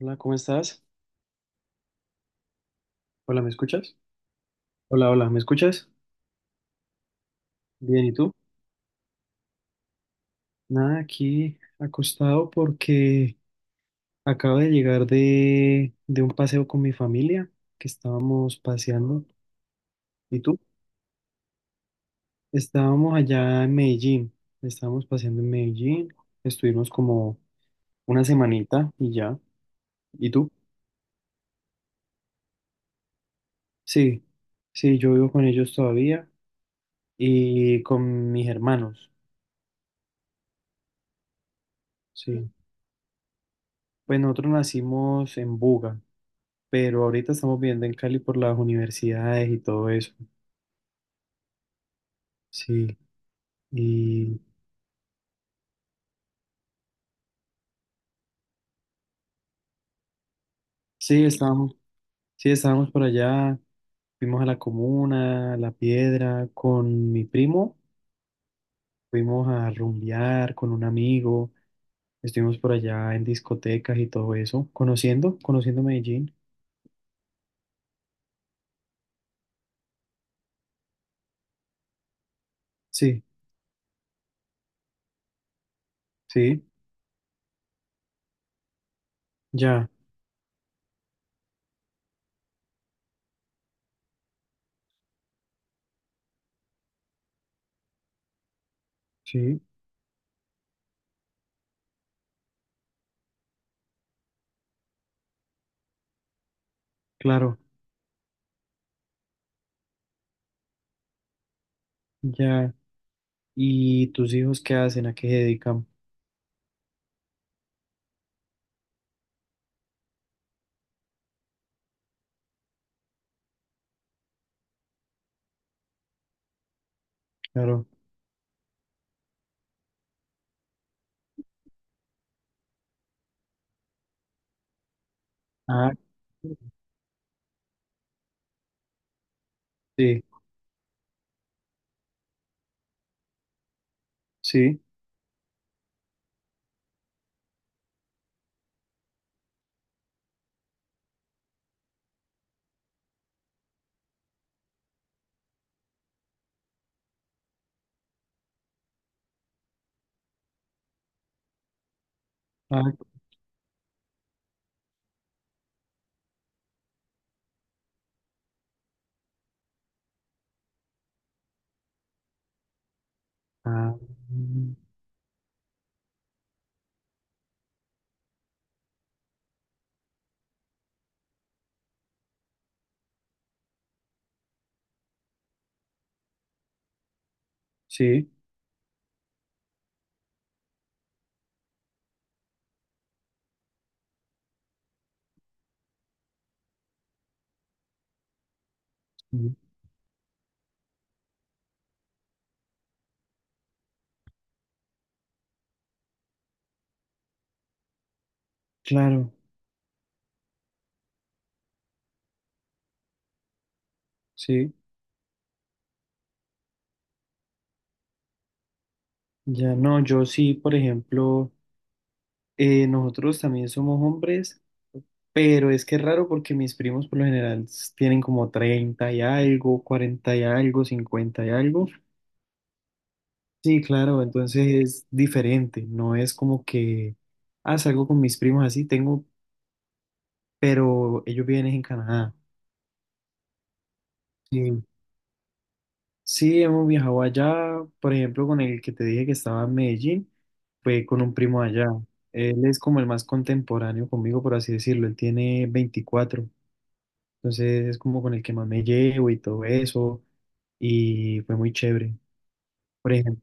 Hola, ¿cómo estás? Hola, ¿me escuchas? Hola, hola, ¿me escuchas? Bien, ¿y tú? Nada, aquí acostado porque acabo de llegar de un paseo con mi familia, que estábamos paseando. ¿Y tú? Estábamos allá en Medellín, estábamos paseando en Medellín, estuvimos como una semanita y ya. ¿Y tú? Sí, sí, yo vivo con ellos todavía y con mis hermanos, sí. Pues nosotros nacimos en Buga, pero ahorita estamos viendo en Cali por las universidades y todo eso. Sí, y sí, estábamos, sí, estábamos por allá, fuimos a la comuna, a La Piedra, con mi primo, fuimos a rumbear con un amigo, estuvimos por allá en discotecas y todo eso, conociendo, conociendo Medellín. Sí, sí, ya, sí, claro, ya. ¿Y tus hijos qué hacen? ¿A qué se dedican? Claro. Ah, sí, sí. Ah, ah, mm. Sí, sí, claro, sí. Ya no, yo sí, por ejemplo, nosotros también somos hombres, pero es que es raro porque mis primos por lo general tienen como 30 y algo, 40 y algo, 50 y algo. Sí, claro, entonces es diferente, no es como que, ah, salgo con mis primos así, tengo, pero ellos viven es en Canadá. Sí. Sí, hemos viajado allá, por ejemplo, con el que te dije que estaba en Medellín, fue con un primo allá. Él es como el más contemporáneo conmigo, por así decirlo, él tiene 24, entonces es como con el que más me llevo y todo eso, y fue muy chévere. Por ejemplo,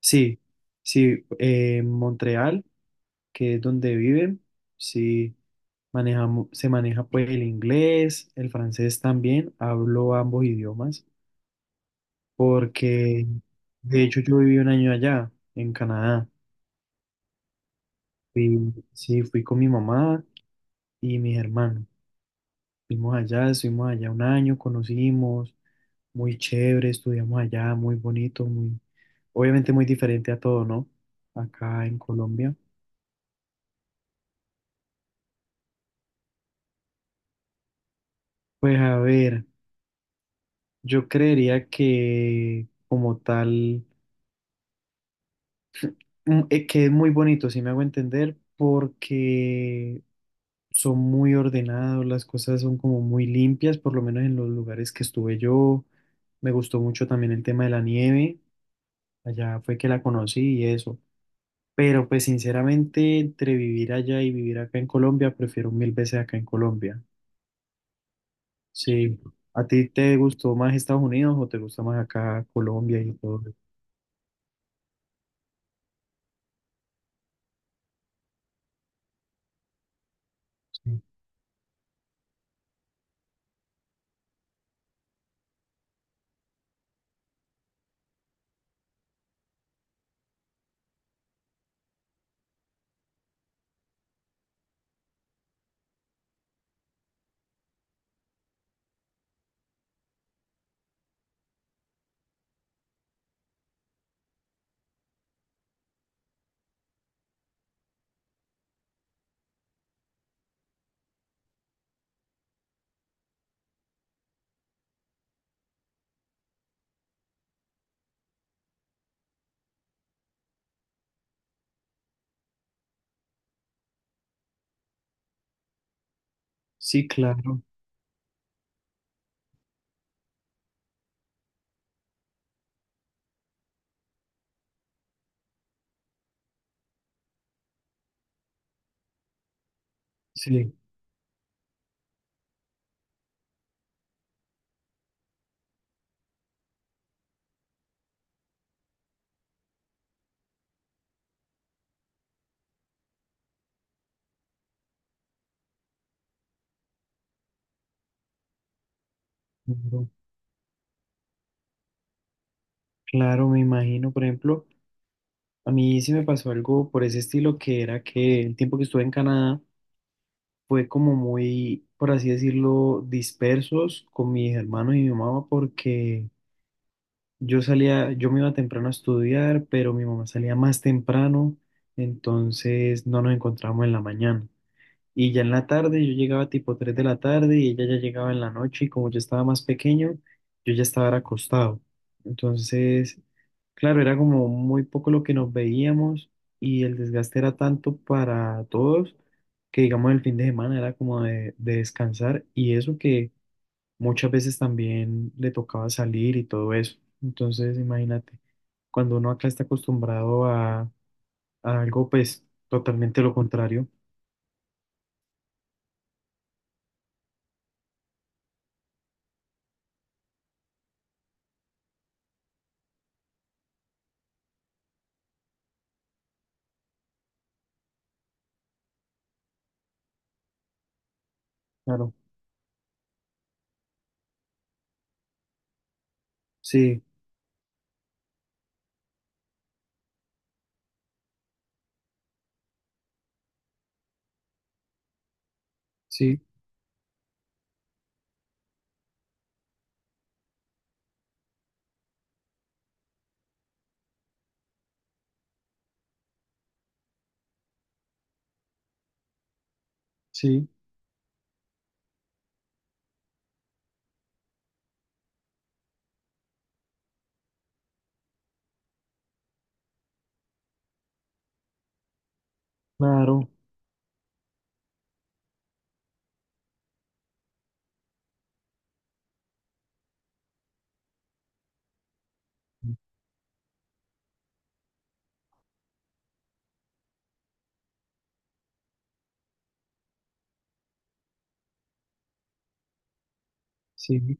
sí, sí, Montreal, que es donde viven, sí, manejamos, se maneja pues el inglés, el francés también, hablo ambos idiomas, porque de hecho yo viví un año allá, en Canadá. Sí, fui con mi mamá y mis hermanos. Fuimos allá, estuvimos allá un año, conocimos, muy chévere, estudiamos allá, muy bonito, muy, obviamente muy diferente a todo, ¿no? Acá en Colombia. Pues a ver, yo creería que como tal... que es muy bonito, si me hago entender, porque son muy ordenados, las cosas son como muy limpias, por lo menos en los lugares que estuve yo. Me gustó mucho también el tema de la nieve, allá fue que la conocí y eso. Pero pues sinceramente, entre vivir allá y vivir acá en Colombia, prefiero mil veces acá en Colombia. Sí, ¿a ti te gustó más Estados Unidos o te gusta más acá Colombia y todo eso? Sí, sí, claro, sí, claro, claro, me imagino, por ejemplo. A mí sí me pasó algo por ese estilo que era que el tiempo que estuve en Canadá fue como muy, por así decirlo, dispersos con mis hermanos y mi mamá porque yo salía, yo me iba temprano a estudiar, pero mi mamá salía más temprano, entonces no nos encontramos en la mañana. Y ya en la tarde, yo llegaba tipo 3 de la tarde y ella ya llegaba en la noche y como yo estaba más pequeño, yo ya estaba acostado. Entonces, claro, era como muy poco lo que nos veíamos y el desgaste era tanto para todos que digamos el fin de semana era como de descansar y eso que muchas veces también le tocaba salir y todo eso. Entonces, imagínate, cuando uno acá está acostumbrado a algo, pues totalmente lo contrario. Claro, sí, sí. Sí, claro. Sí,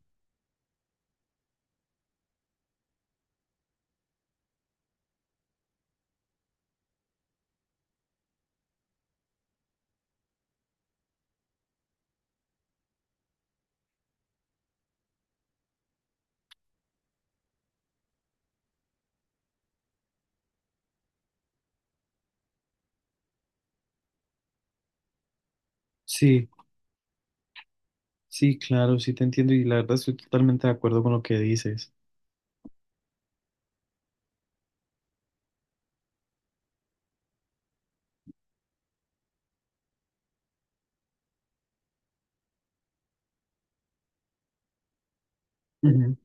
sí, sí, claro, sí te entiendo y la verdad estoy totalmente de acuerdo con lo que dices. Ujú.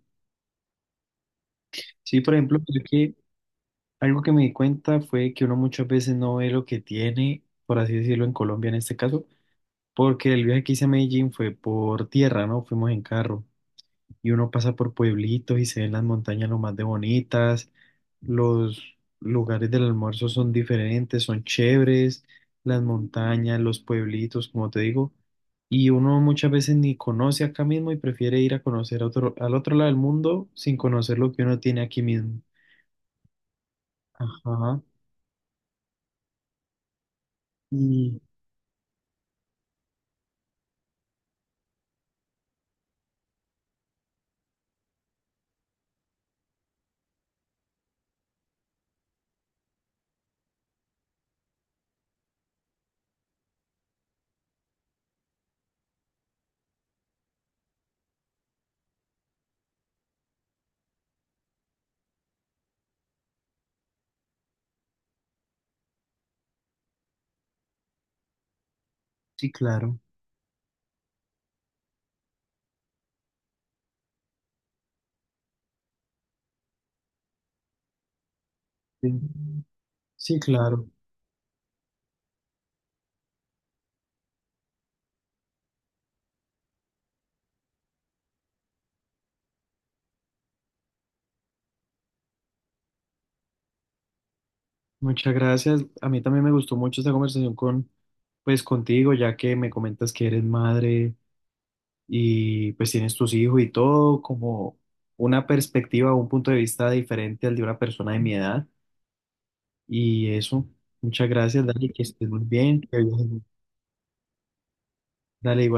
Sí, por ejemplo, es que algo que me di cuenta fue que uno muchas veces no ve lo que tiene, por así decirlo, en Colombia en este caso, porque el viaje que hice a Medellín fue por tierra, ¿no? Fuimos en carro. Y uno pasa por pueblitos y se ven las montañas lo más de bonitas, los lugares del almuerzo son diferentes, son chéveres, las montañas, los pueblitos, como te digo, y uno muchas veces ni conoce acá mismo y prefiere ir a conocer a otro, al otro lado del mundo sin conocer lo que uno tiene aquí mismo. Ajá, y sí, claro. Sí, sí, claro. Muchas gracias. A mí también me gustó mucho esta conversación con, pues contigo, ya que me comentas que eres madre y pues tienes tus hijos y todo como una perspectiva o un punto de vista diferente al de una persona de mi edad. Y eso, muchas gracias, Dani, que estés muy bien. Que viajes- Dale igual.